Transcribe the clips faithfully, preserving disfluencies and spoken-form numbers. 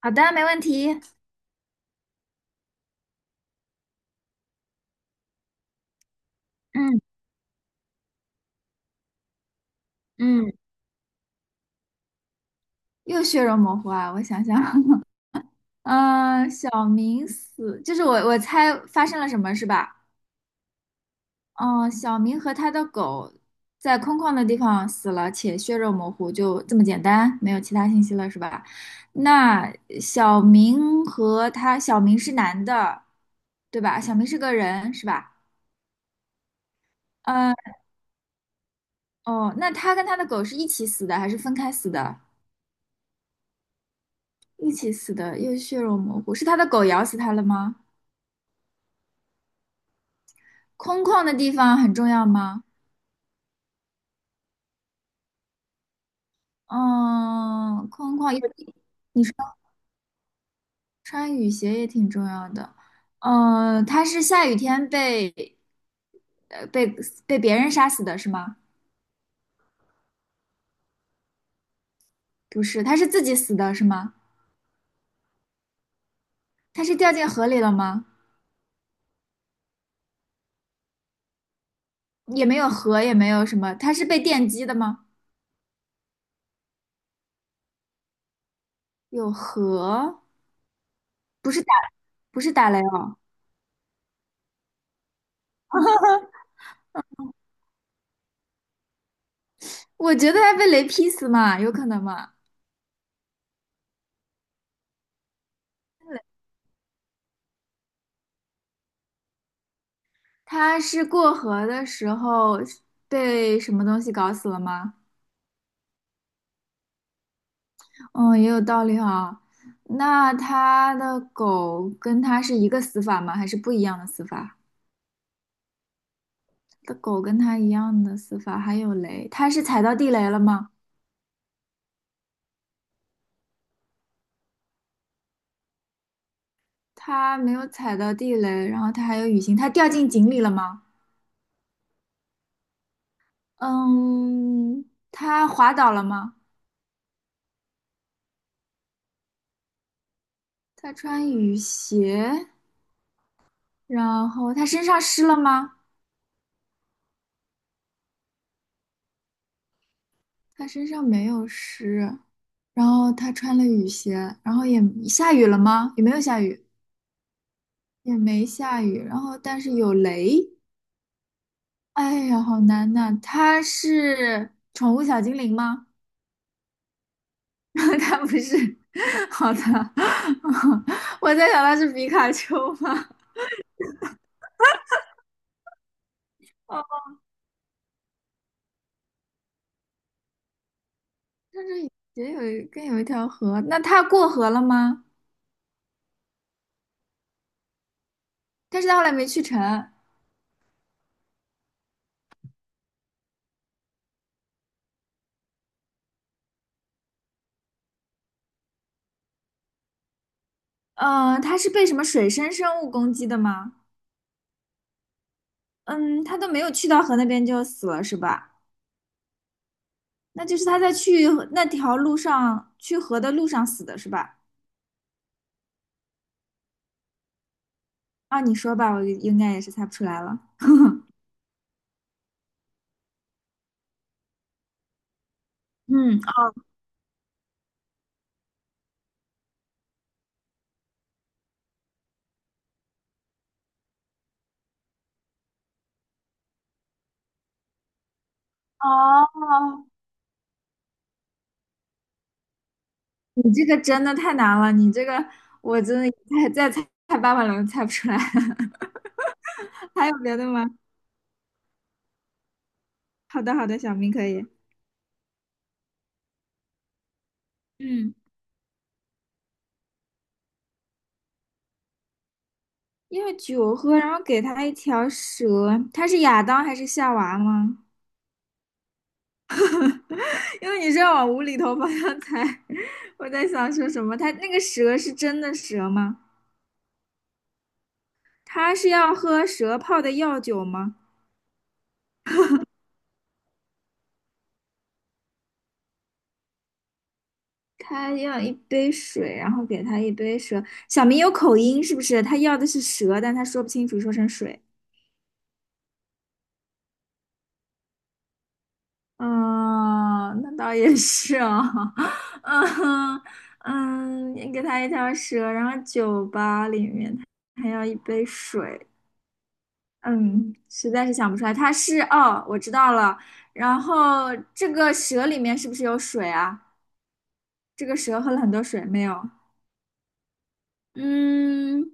好的，没问题。嗯嗯，又血肉模糊啊！我想想，嗯、小明死，就是我我猜发生了什么是吧？嗯、小明和他的狗在空旷的地方死了，且血肉模糊，就这么简单，没有其他信息了是吧？那小明和他，小明是男的，对吧？小明是个人是吧？嗯、哦，那他跟他的狗是一起死的还是分开死的？一起死的，又血肉模糊，是他的狗咬死他了吗？空旷的地方很重要吗？嗯，空旷，因为你说穿雨鞋也挺重要的。嗯，他是下雨天被呃被被别人杀死的是吗？不是，他是自己死的是吗？他是掉进河里了吗？也没有河，也没有什么，他是被电击的吗？有河，不是打不是打雷哦，我觉得他被雷劈死嘛，有可能嘛？他是过河的时候被什么东西搞死了吗？哦，也有道理哈。那他的狗跟他是一个死法吗？还是不一样的死法？他的狗跟他一样的死法，还有雷，他是踩到地雷了吗？他没有踩到地雷，然后他还有雨欣，他掉进井里了吗？嗯，他滑倒了吗？他穿雨鞋，然后他身上湿了吗？他身上没有湿，然后他穿了雨鞋，然后也下雨了吗？也没有下雨。也没下雨，然后但是有雷，哎呀，好难呐！它是宠物小精灵吗？它不是，好的，我在想它是皮卡丘吗？哦，它这也有一跟有一条河，那它过河了吗？但是它后来没去成，呃，它是被什么水生生物攻击的吗？嗯，它都没有去到河那边就死了是吧？那就是它在去那条路上去河的路上死的是吧？啊，你说吧，我应该也是猜不出来了。嗯，哦，你这个真的太难了，你这个我真的再再猜猜八百轮猜不出来。还有别的吗？好的，好的，小明可以。嗯，因为酒喝，然后给他一条蛇，他是亚当还是夏娃吗？因为你是要往无厘头方向猜，我在想说什么？他那个蛇是真的蛇吗？他是要喝蛇泡的药酒吗？他要一杯水，然后给他一杯蛇。小明有口音是不是？他要的是蛇，但他说不清楚，说成水。嗯，那倒也是哦。嗯嗯，你给他一条蛇，然后酒吧里面他还要一杯水。嗯，实在是想不出来，他是哦，我知道了。然后这个蛇里面是不是有水啊？这个蛇喝了很多水没有？嗯，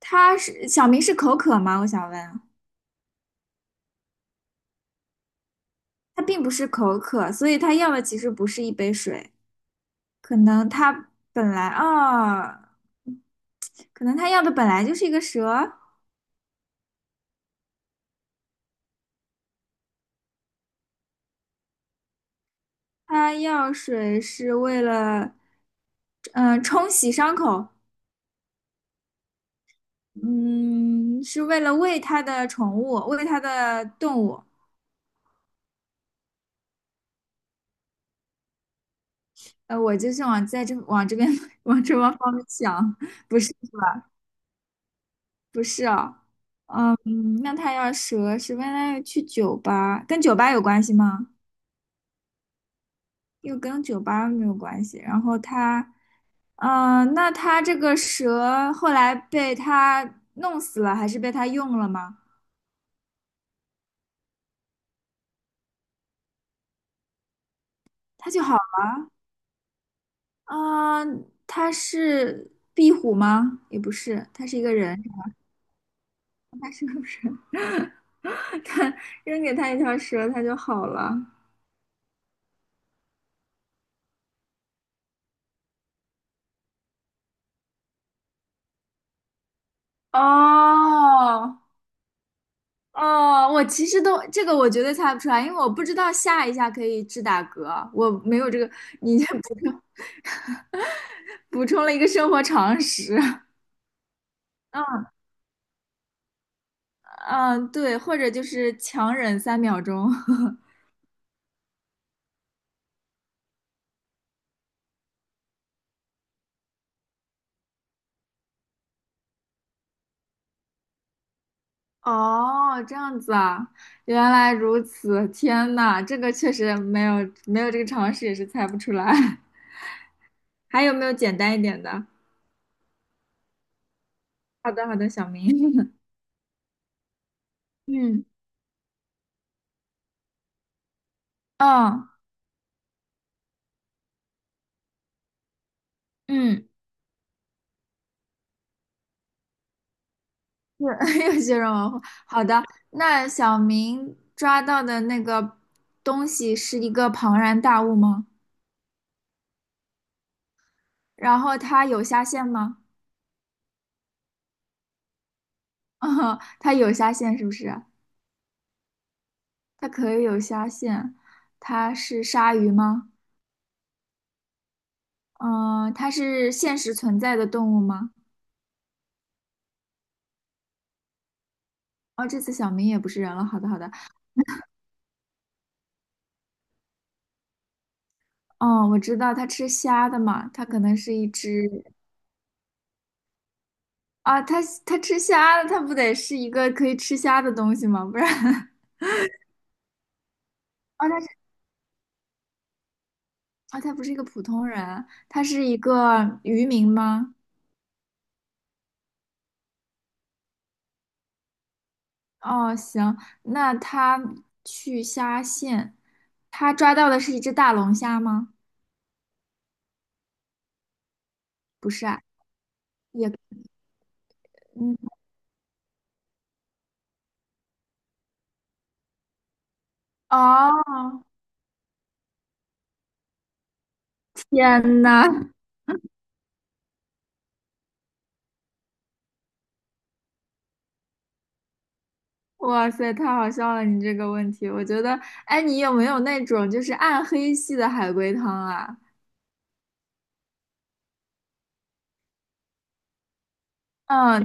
他是小明是口渴吗？我想问啊。它并不是口渴，所以它要的其实不是一杯水，可能它本来啊、可能它要的本来就是一个蛇，它要水是为了，嗯、冲洗伤口，嗯，是为了喂它的宠物，喂它的动物。呃，我就是往在这往这边 往这方方面想，不是不是哦，嗯，那它要蛇是为了去酒吧，跟酒吧有关系吗？又跟酒吧没有关系。然后他，嗯、呃那他这个蛇后来被他弄死了，还是被他用了吗？他就好，嗯、呃他是壁虎吗？也不是，他是一个人，他是个人，他扔给他一条蛇，他就好了。哦，哦，我其实都这个我绝对猜不出来，因为我不知道下一下可以治打嗝，我没有这个，你这补充 补充了一个生活常识。嗯嗯，对，或者就是强忍三秒钟。哦，这样子啊，原来如此，天呐，这个确实没有没有这个常识也是猜不出来。还有没有简单一点的？好的好的，小明。嗯嗯嗯。是 有些人文化。好的，那小明抓到的那个东西是一个庞然大物吗？然后它有虾线吗？它有虾线是不是？它可以有虾线，它是鲨鱼吗？嗯，它是现实存在的动物吗？哦，这次小明也不是人了。好的，好的。哦，我知道它吃虾的嘛，它可能是一只啊，它它吃虾的，它不得是一个可以吃虾的东西吗？不然。哦，它啊，他不是一个普通人，他是一个渔民吗？哦，行，那他去虾线，他抓到的是一只大龙虾吗？不是啊，也，嗯，哦，天呐，哇塞，太好笑了，你这个问题，我觉得，哎，你有没有那种就是暗黑系的海龟汤啊？嗯，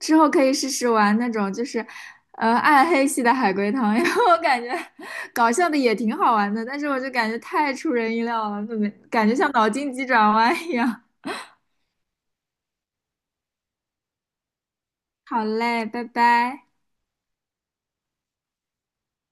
之后可以试试玩那种就是，呃，暗黑系的海龟汤，因为我感觉搞笑的也挺好玩的，但是我就感觉太出人意料了，怎么感觉像脑筋急转弯一样。好嘞，拜拜。